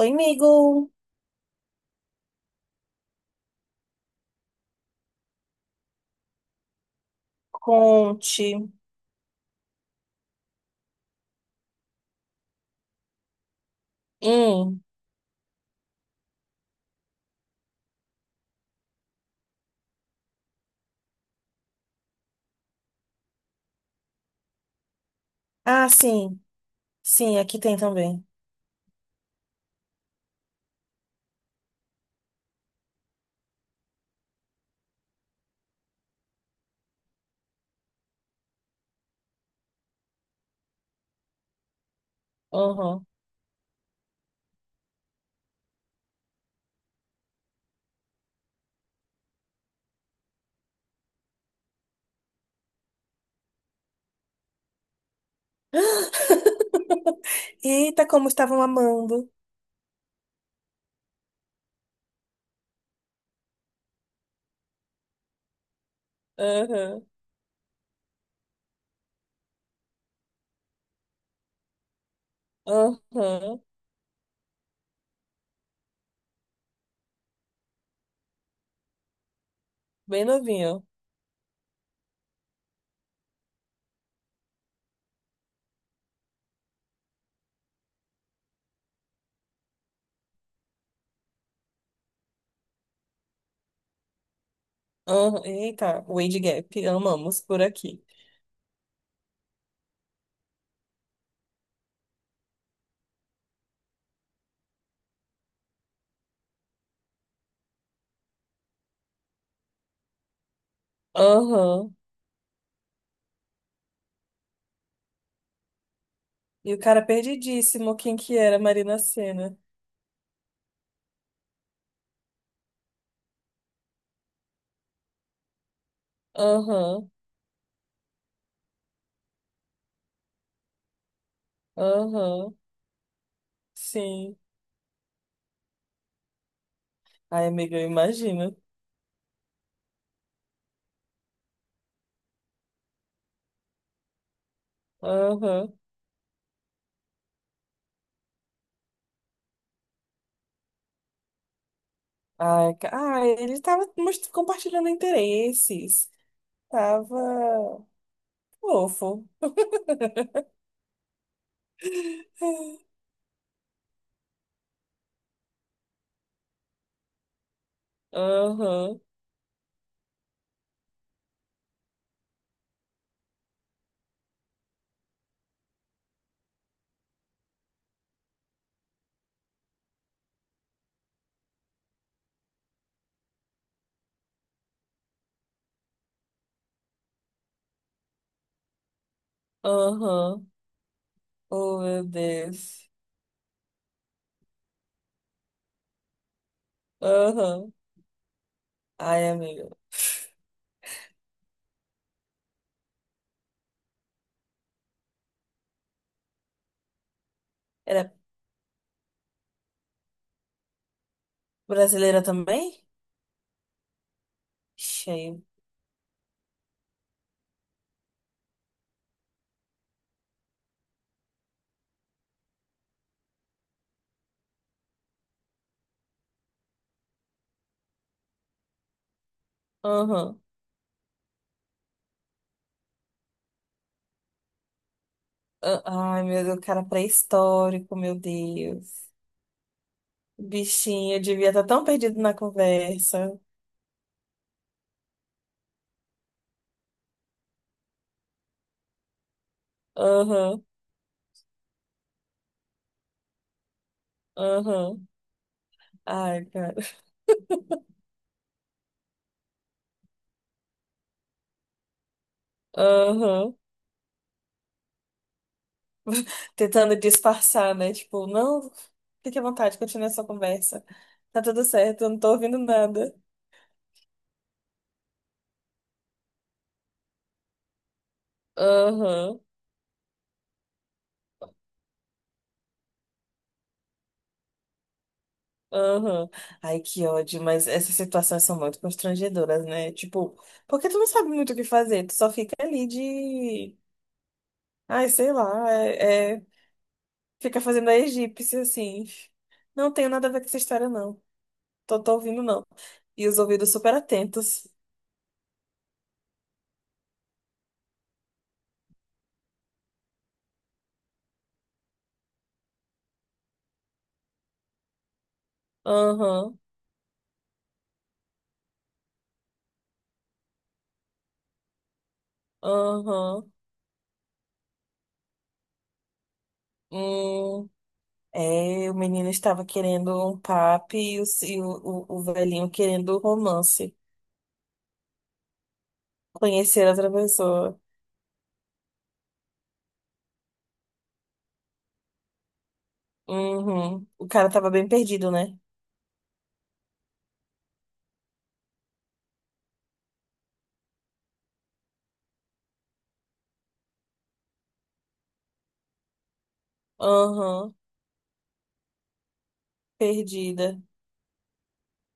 Oi, amigo. Conte. Hum. Ah, sim. Sim, aqui tem também. Uhum. Eita, como estavam amando. Uhum. Uhum. Bem novinho. Uhum. Eita, o age Gap. Amamos por aqui. Uhum. E o cara perdidíssimo, quem que era? Marina Sena. Aham. Aham. Sim. Ai, amiga, eu imagino. Aham. Ai, ele tava compartilhando interesses. Tava fofo. Aham, aham. Oh, meu Deus. Aham. Ai, amigo. Era brasileira também? Cheio. Aham. Ah, ai, meu Deus, cara pré-histórico, meu Deus. Bichinho, eu devia estar tão perdido na conversa. Aham, aham. Ai, cara. Aham. Tentando disfarçar, né? Tipo, não, fique à vontade, continue essa conversa. Tá tudo certo, eu não tô ouvindo nada. Aham, aham. Ai, que ódio, mas essas situações são muito constrangedoras, né? Tipo, porque tu não sabe muito o que fazer, tu só fica ali de. Ai, sei lá, fica fazendo a egípcia assim. Não tenho nada a ver com essa história, não. Tô, tô ouvindo, não. E os ouvidos super atentos. Aham, aham. Uhum. É, o menino estava querendo um papo e o velhinho querendo um romance. Conhecer outra pessoa. Uhum. O cara tava bem perdido, né? Uhum. Perdida.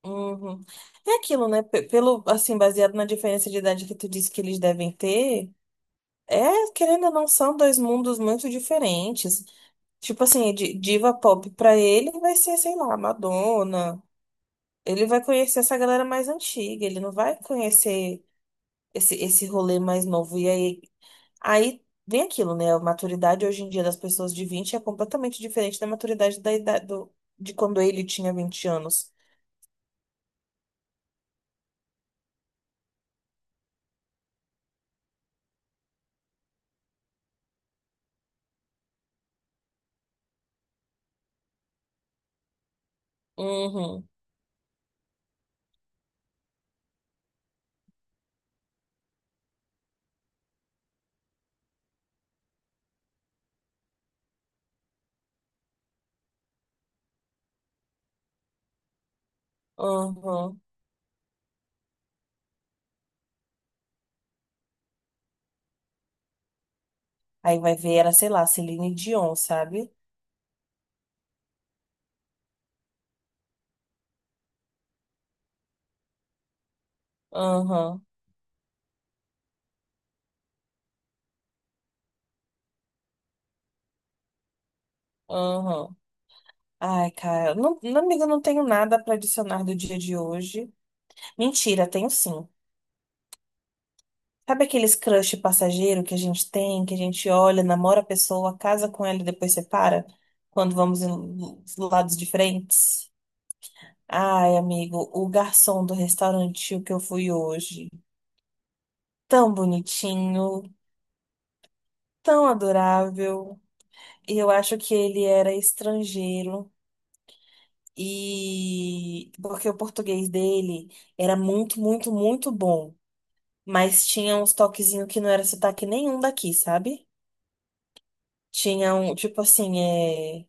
Uhum. É aquilo, né? Pelo, assim, baseado na diferença de idade que tu disse que eles devem ter, é, querendo ou não, são dois mundos muito diferentes. Tipo assim, diva pop pra ele vai ser, sei lá, Madonna. Ele vai conhecer essa galera mais antiga, ele não vai conhecer esse, esse rolê mais novo. E aí, aí vem aquilo, né? A maturidade hoje em dia das pessoas de 20 é completamente diferente da maturidade da idade do, de quando ele tinha 20 anos. Uhum, uhum. Aí vai ver, era, sei lá, Celine Dion, sabe? Uhum, uhum. Ai, cara, não, não, amiga, eu não tenho nada pra adicionar do dia de hoje. Mentira, tenho sim. Sabe aqueles crush passageiro que a gente tem, que a gente olha, namora a pessoa, casa com ela e depois separa? Quando vamos em lados diferentes? Ai, amigo, o garçom do restaurante que eu fui hoje. Tão bonitinho, tão adorável. E eu acho que ele era estrangeiro. E porque o português dele era muito, muito, muito bom. Mas tinha uns toquezinhos que não era sotaque nenhum daqui, sabe? Tinha um, tipo assim, é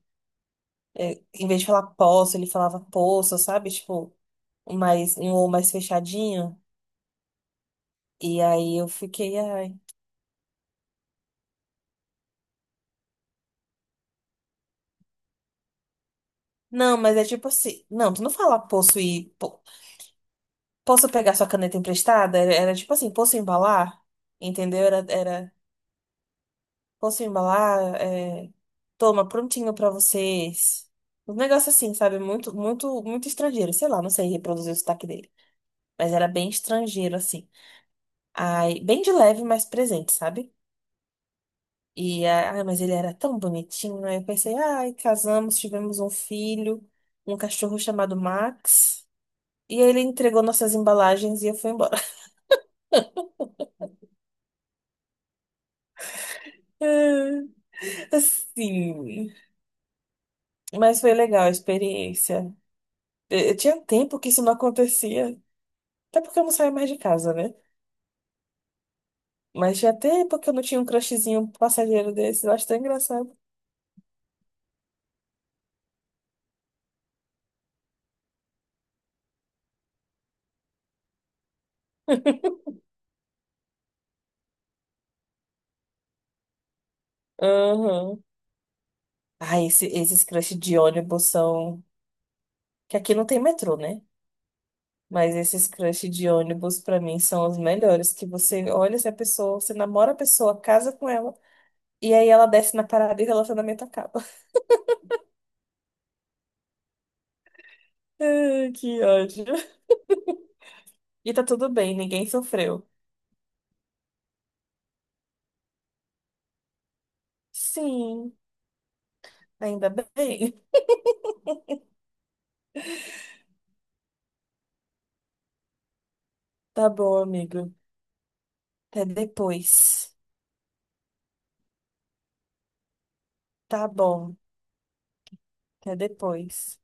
é, em vez de falar posso, ele falava poço, sabe? Tipo, um mais, um ou mais fechadinho. E aí eu fiquei, ai. Não, mas é tipo assim. Não, tu não fala posso e posso. Pegar sua caneta emprestada? Era, era tipo assim, posso embalar? Entendeu? Era, era posso embalar? É, toma, prontinho pra vocês. Um negócio assim, sabe? Muito, muito, muito estrangeiro. Sei lá, não sei reproduzir o sotaque dele. Mas era bem estrangeiro, assim. Ai, bem de leve, mas presente, sabe? E, ah, mas ele era tão bonitinho. Aí eu pensei, ai, casamos, tivemos um filho, um cachorro chamado Max. E ele entregou nossas embalagens e eu fui embora. Assim, mas foi legal a experiência. Eu tinha tempo que isso não acontecia. Até porque eu não saía mais de casa, né? Mas tinha tempo que eu não tinha um crushzinho passageiro desse. Eu acho tão engraçado. Aham. Ah, esse, esses crush de ônibus são. Que aqui não tem metrô, né? Mas esses crush de ônibus, pra mim, são os melhores. Que você olha se a pessoa, você namora a pessoa, casa com ela, e aí ela desce na parada e o relacionamento acaba. Ai, que ódio. E tá tudo bem, ninguém sofreu. Sim, ainda bem. Tá bom, amigo. Até depois. Tá bom, até depois.